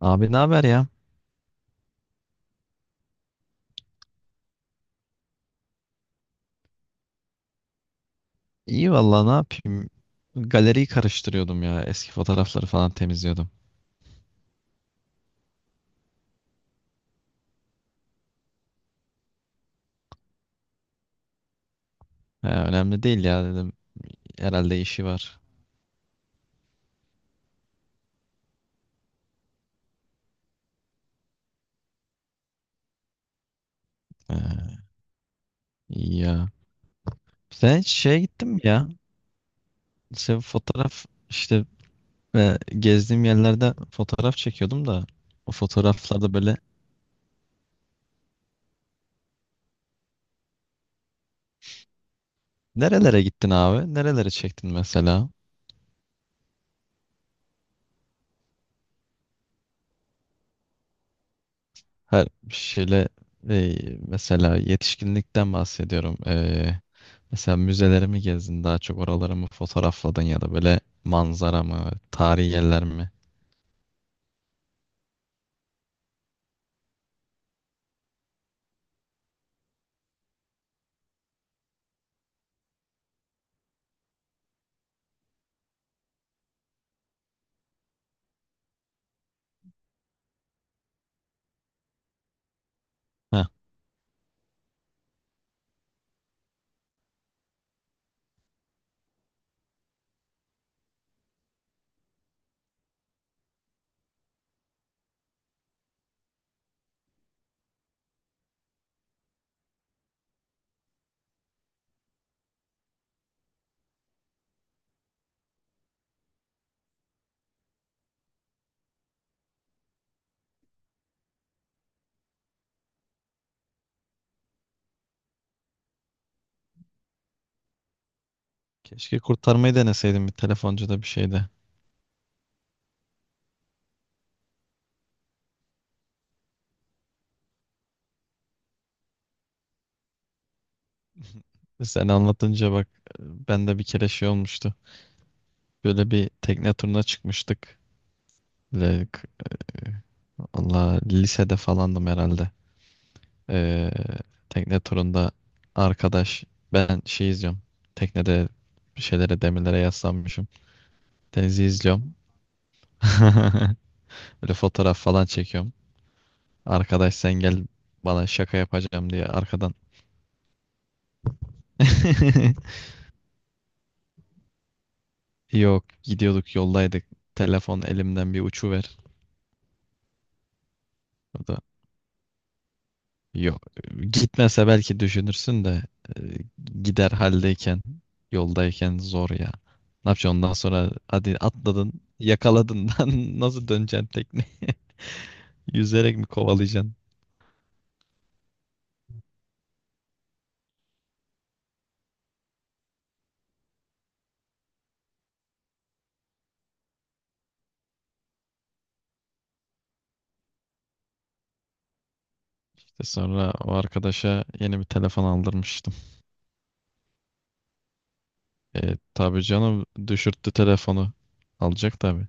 Abi ne haber ya? İyi vallahi ne yapayım? Galeriyi karıştırıyordum ya. Eski fotoğrafları falan temizliyordum. He, önemli değil ya dedim. Herhalde işi var. He, iyi ya. Sen hiç şeye gittin mi ya? Sen fotoğraf işte gezdiğim yerlerde fotoğraf çekiyordum da o fotoğraflarda böyle nerelere gittin abi? Nerelere çektin mesela? Her şeyle e, mesela yetişkinlikten bahsediyorum. E, Mesela müzeleri mi gezdin, daha çok oraları mı fotoğrafladın ya da böyle manzara mı, tarihi yerler mi? Heh, keşke kurtarmayı deneseydim bir telefoncuda bir şeyde. Sen anlatınca bak, ben de bir kere şey olmuştu. Böyle bir tekne turuna çıkmıştık. Böyle k- Allah lisede falandım herhalde. Ee, Tekne turunda arkadaş, ben şey izliyorum. Teknede bir şeylere, demirlere yaslanmışım. Denizi izliyorum. Böyle fotoğraf falan çekiyorum. Arkadaş sen gel bana şaka yapacağım diye arkadan. Yok, gidiyorduk, yoldaydık. Telefon elimden bir uçuver. O da yok. Gitmese belki düşünürsün de e, gider haldeyken, yoldayken zor ya. Ne yapacaksın ondan sonra, hadi atladın, yakaladın. Lan nasıl döneceksin tekneye? Yüzerek mi kovalayacaksın? İşte sonra o arkadaşa yeni bir telefon aldırmıştım. E, tabii canım, düşürttü telefonu. Alacak tabii.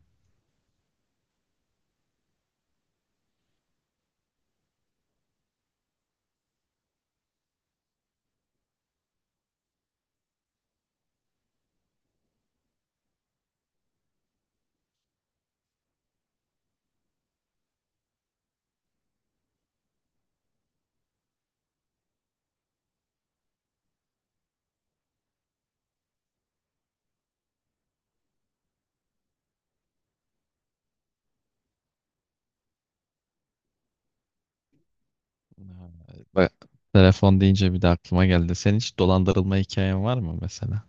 Ha, bak, telefon deyince bir de aklıma geldi. Senin hiç dolandırılma hikayen var mı mesela?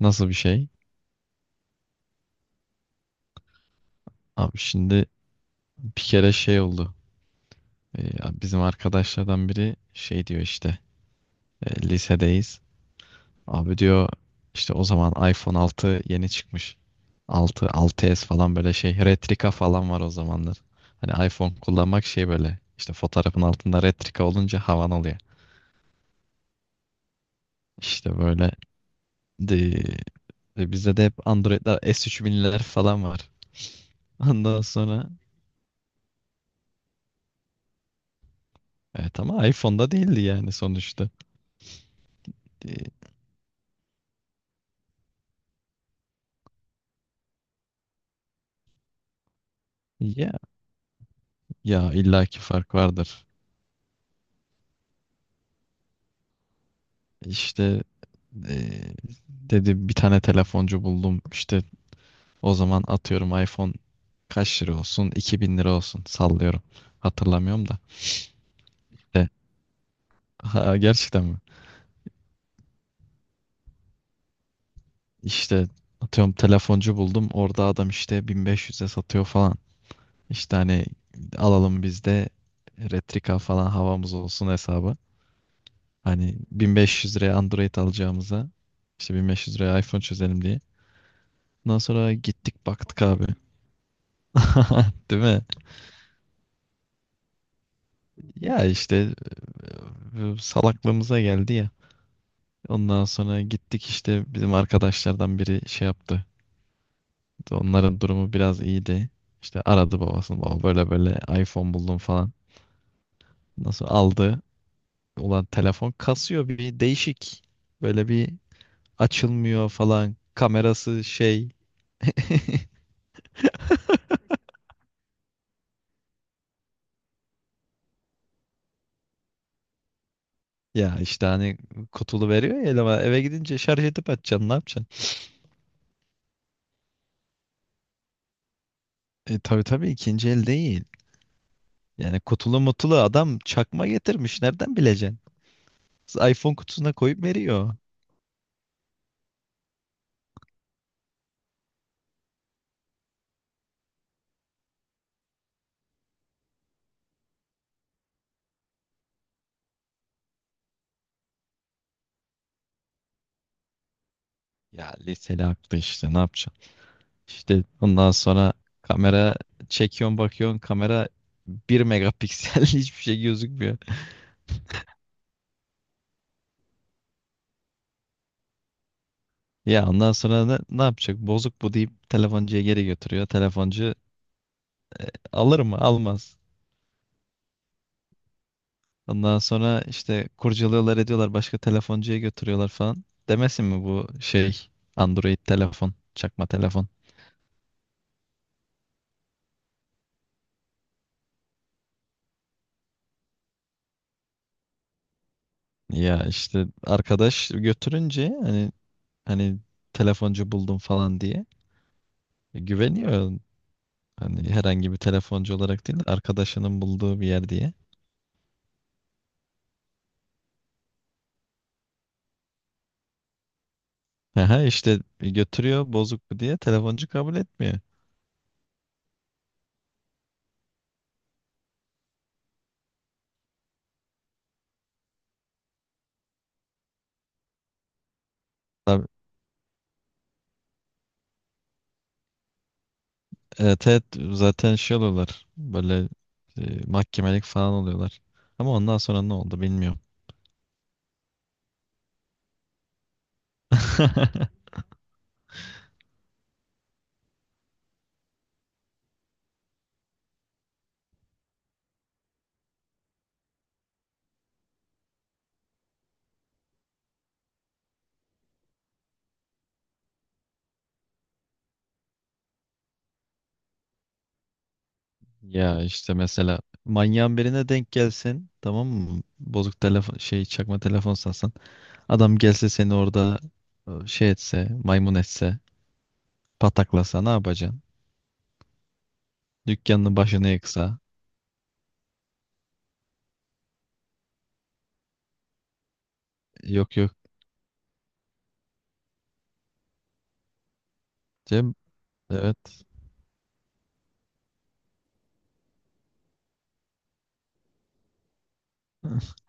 Nasıl bir şey? Abi şimdi bir kere şey oldu. Bizim arkadaşlardan biri şey diyor işte, lisedeyiz. Abi diyor, işte o zaman iPhone 6 yeni çıkmış. 6 6s falan böyle şey. Retrika falan var o zamanlar. Hani iPhone kullanmak şey böyle. İşte fotoğrafın altında retrika olunca havan oluyor. İşte böyle de, bizde de hep Android'ler, S3000'ler falan var. Ondan sonra evet, ama iPhone'da değildi yani sonuçta. E, ya, ya illaki fark vardır. İşte e, dedi bir tane telefoncu buldum. İşte o zaman atıyorum iPhone kaç lira olsun? 2000 lira olsun. Sallıyorum. Hatırlamıyorum da. E, ha, gerçekten mi? İşte atıyorum telefoncu buldum. Orada adam işte 1500'e satıyor falan. İşte hani alalım biz de Retrika falan havamız olsun hesabı. Hani 1500 liraya Android alacağımıza işte 1500 liraya iPhone çözelim diye. Ondan sonra gittik baktık abi. Değil mi? Ya işte salaklığımıza geldi ya. Ondan sonra gittik, işte bizim arkadaşlardan biri şey yaptı. Onların durumu biraz iyiydi. İşte aradı babasını. Baba böyle böyle iPhone buldum falan. Nasıl aldı? Ulan telefon kasıyor bir değişik. Böyle bir açılmıyor falan. Kamerası şey. Ya işte hani kutulu veriyor ya eleme. Eve gidince şarj edip açacaksın, ne yapacaksın? E tabii tabii, ikinci el değil. Yani kutulu mutulu adam çakma getirmiş. Nereden bileceksin? Kız iPhone kutusuna koyup veriyor. Ya liseli aklı işte, ne yapacaksın? İşte ondan sonra kamera çekiyorsun, bakıyorsun kamera bir megapiksel, hiçbir şey gözükmüyor. Ya ondan sonra ne yapacak? Bozuk bu deyip telefoncuya geri götürüyor. Telefoncu alır mı? Almaz. Ondan sonra işte kurcalıyorlar, ediyorlar, başka telefoncuya götürüyorlar falan. Demesin mi bu şey Android telefon, çakma telefon. Ya işte arkadaş götürünce hani telefoncu buldum falan diye güveniyor. Hani herhangi bir telefoncu olarak değil de arkadaşının bulduğu bir yer diye. Aha işte götürüyor bozuk bu diye, telefoncu kabul etmiyor. Tabii, evet, evet, zaten şey oluyorlar böyle mahkemelik falan oluyorlar. Ama ondan sonra ne oldu bilmiyorum. Ya işte mesela manyağın birine denk gelsin tamam mı? Bozuk telefon, şey çakma telefon satsan. Adam gelse seni orada şey etse, maymun etse, pataklasa ne yapacaksın? Dükkanının başını yıksa. Yok, yok. Cem, evet.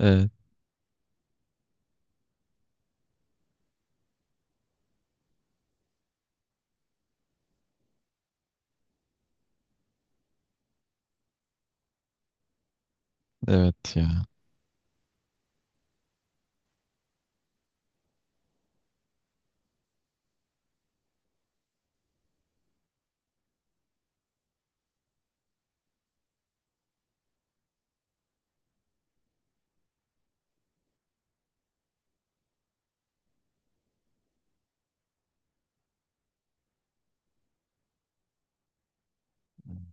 Evet, evet ya.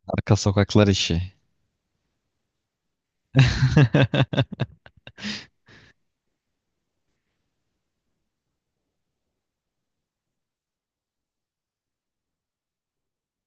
Arka sokaklar işi.